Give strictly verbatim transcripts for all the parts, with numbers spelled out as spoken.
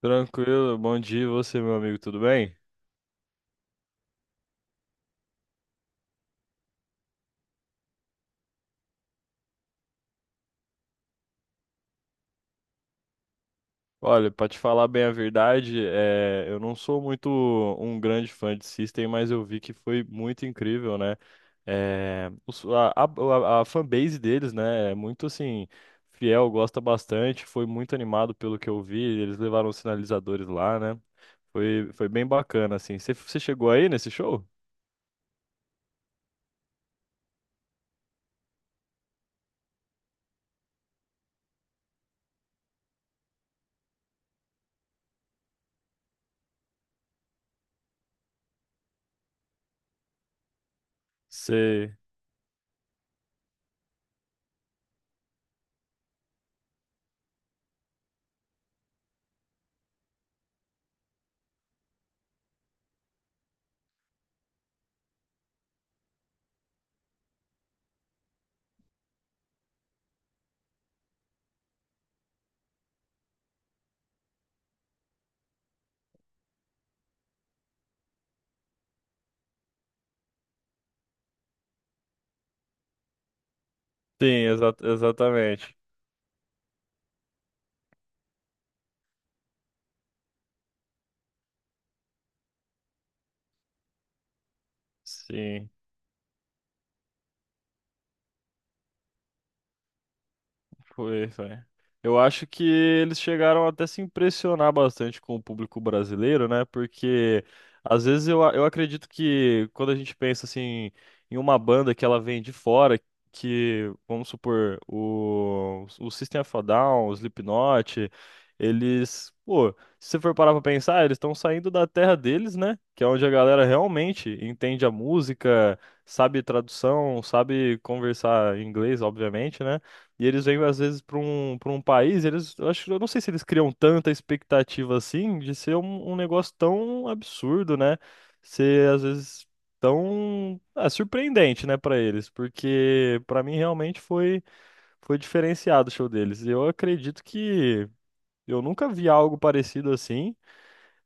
Tranquilo, bom dia e você, meu amigo, tudo bem? Olha, pra te falar bem a verdade, é, eu não sou muito um grande fã de System, mas eu vi que foi muito incrível, né? É, os- a, a, a a fanbase deles, né, é muito assim, fiel, gosta bastante, foi muito animado pelo que eu vi, eles levaram os sinalizadores lá, né? Foi, foi bem bacana, assim. Você você chegou aí nesse show? Sei. Sim, exa- exatamente. Sim. Foi, foi. Eu acho que eles chegaram até se impressionar bastante com o público brasileiro, né? Porque às vezes eu, a- eu acredito que quando a gente pensa assim em uma banda que ela vem de fora, que vamos supor o, o System of a Down, o Slipknot, eles, pô, se você for parar pra pensar, eles estão saindo da terra deles, né? Que é onde a galera realmente entende a música, sabe tradução, sabe conversar em inglês, obviamente, né? E eles vêm, às vezes, para um, para um país, eles, eu acho, eu não sei se eles criam tanta expectativa assim de ser um, um negócio tão absurdo, né? Ser, às vezes, tão ah, surpreendente, né, para eles, porque para mim realmente foi, foi diferenciado o show deles. Eu acredito que eu nunca vi algo parecido assim,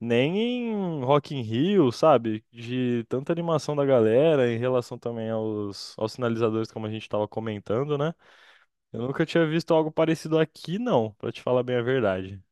nem em Rock in Rio, sabe? De tanta animação da galera em relação também aos, aos sinalizadores, como a gente estava comentando, né? Eu nunca tinha visto algo parecido aqui, não, pra te falar bem a verdade.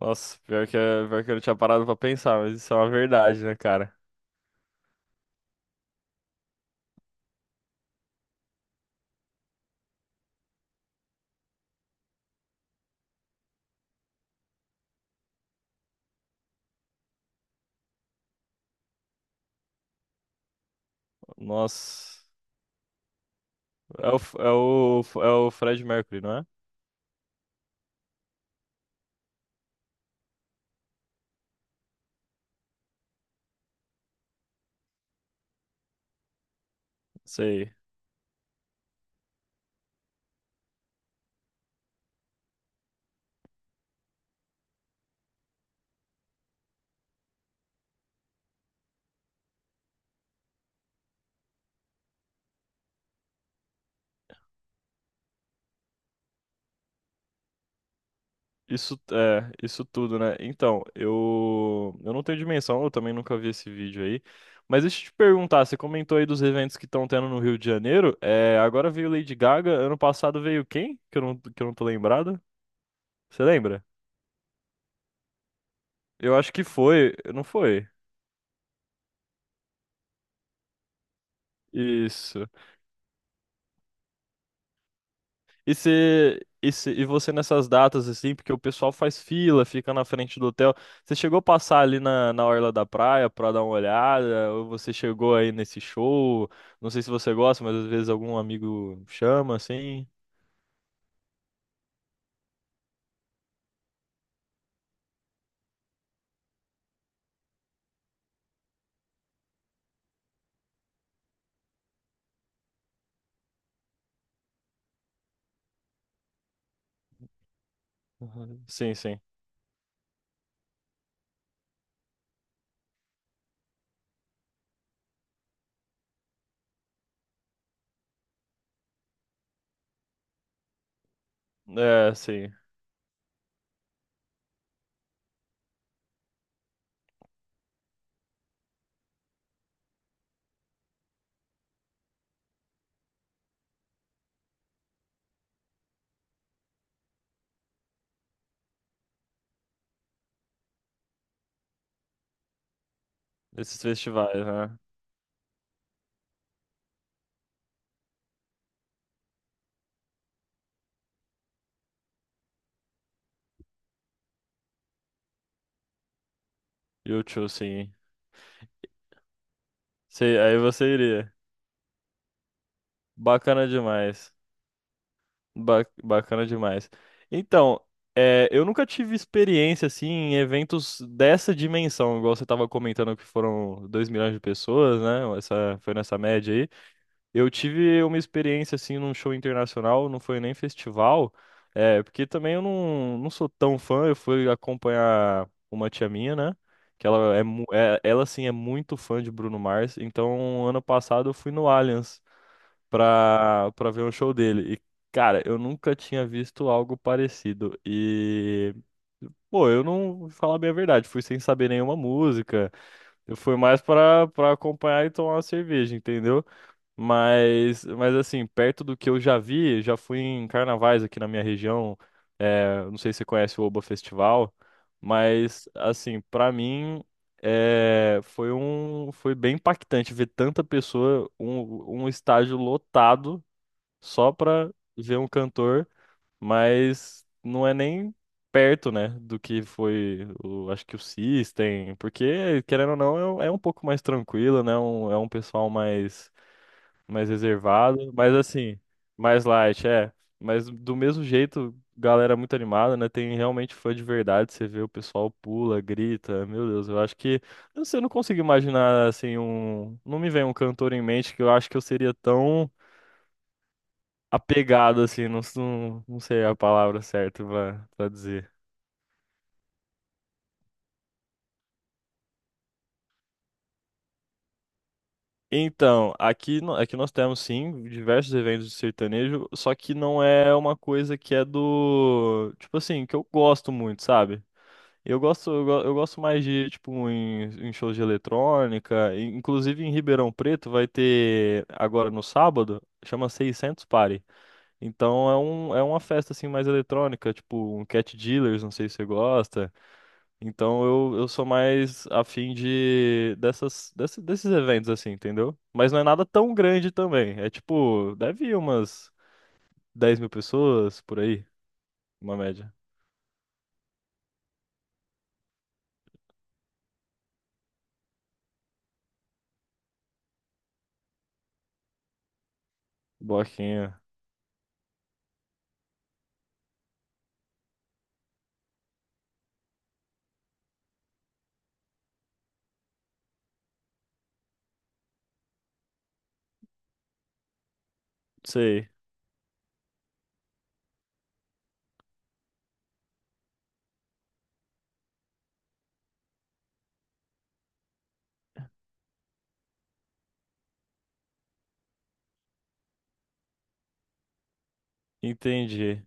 Nossa, pior que, é- pior que eu não tinha parado pra pensar, mas isso é uma verdade, né, cara? Nossa. É o, F- é o, F- é o Fred Mercury, não é? Sei. Isso, é, isso tudo, né? Então, eu, eu não tenho dimensão, eu também nunca vi esse vídeo aí. Mas deixa eu te perguntar, você comentou aí dos eventos que estão tendo no Rio de Janeiro. É, agora veio Lady Gaga, ano passado veio quem? Que eu não, que eu não tô lembrado. Você lembra? Eu acho que foi, não foi? Isso. E se, e se e você nessas datas, assim, porque o pessoal faz fila, fica na frente do hotel. Você chegou a passar ali na, na orla da praia pra dar uma olhada? Ou você chegou aí nesse show? Não sei se você gosta, mas às vezes algum amigo chama, assim. Uhum. Sim, sim. É, sim. Esses festivais, né? YouTube, sim. Sei, aí você iria. Bacana demais. Ba- bacana demais. Então, é, eu nunca tive experiência assim em eventos dessa dimensão, igual você estava comentando que foram dois milhões de pessoas, né? Essa, foi nessa média aí. Eu tive uma experiência assim num show internacional, não foi nem festival, é, porque também eu não, não sou tão fã, eu fui acompanhar uma tia minha, né? Que ela é, mu- é- ela sim é muito fã de Bruno Mars, então ano passado eu fui no Allianz, pra, pra ver um show dele. E, cara, eu nunca tinha visto algo parecido. E, pô, eu não, vou falar bem a verdade, fui sem saber nenhuma música. Eu fui mais pra, pra acompanhar e tomar uma cerveja, entendeu? Mas, mas assim, perto do que eu já vi, já fui em carnavais aqui na minha região. É, não sei se você conhece o Oba Festival, mas, assim, pra mim. É, foi um, foi bem impactante ver tanta pessoa, um, um estádio lotado só pra ver um cantor, mas não é nem perto, né, do que foi, o, acho que o System, porque, querendo ou não, é, um é um pouco mais tranquilo, né, um- é um pessoal mais, mais reservado, mas assim, mais light, é. Mas do mesmo jeito, galera muito animada, né, tem realmente fã de verdade, você vê o pessoal pula, grita, meu Deus, eu acho que, eu não sei, eu não consigo imaginar, assim, um, não me vem um cantor em mente que eu acho que eu seria tão apegado, assim, não, não, não sei a palavra certa pra, pra dizer. Então, aqui, no- aqui nós temos sim diversos eventos de sertanejo, só que não é uma coisa que é do, tipo assim, que eu gosto muito, sabe? Eu gosto, eu, go- eu gosto mais de, tipo, em, em shows de eletrônica, e, inclusive em Ribeirão Preto vai ter agora no sábado, chama seiscentos Party. Então é um, é uma festa assim mais eletrônica, tipo um Cat Dealers, não sei se você gosta. Então eu, eu sou mais afim de dessas, desse- desses eventos, assim, entendeu? Mas não é nada tão grande também. É tipo, deve ir umas dez mil pessoas por aí, uma média. Bloquinho. Sei. Entendi.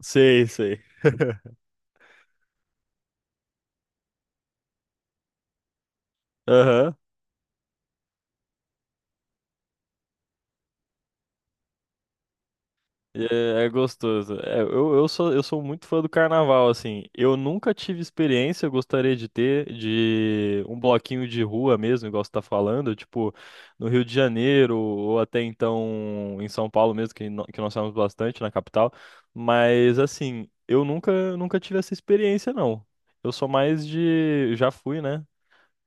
Sei, sei. Aham. E É, é gostoso. É, eu, eu sou, eu sou muito fã do carnaval, assim. Eu nunca tive experiência, eu gostaria de ter, de um bloquinho de rua mesmo, igual você tá falando, tipo, no Rio de Janeiro, ou até então em São Paulo mesmo, que, nó- que nós temos bastante na capital. Mas, assim, eu nunca, nunca tive essa experiência, não. Eu sou mais de. Já fui, né?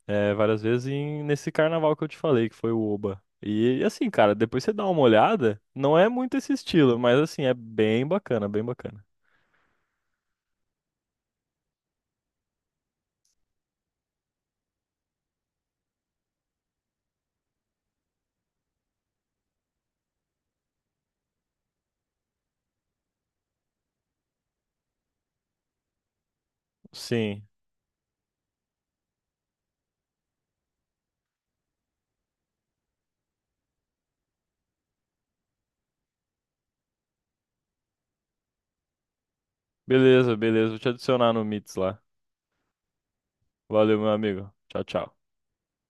é, Várias vezes em- nesse carnaval que eu te falei, que foi o Oba. E assim, cara, depois você dá uma olhada, não é muito esse estilo, mas assim, é bem bacana, bem bacana. Sim. Beleza, beleza. Vou te adicionar no Mits lá. Valeu, meu amigo. Tchau, tchau.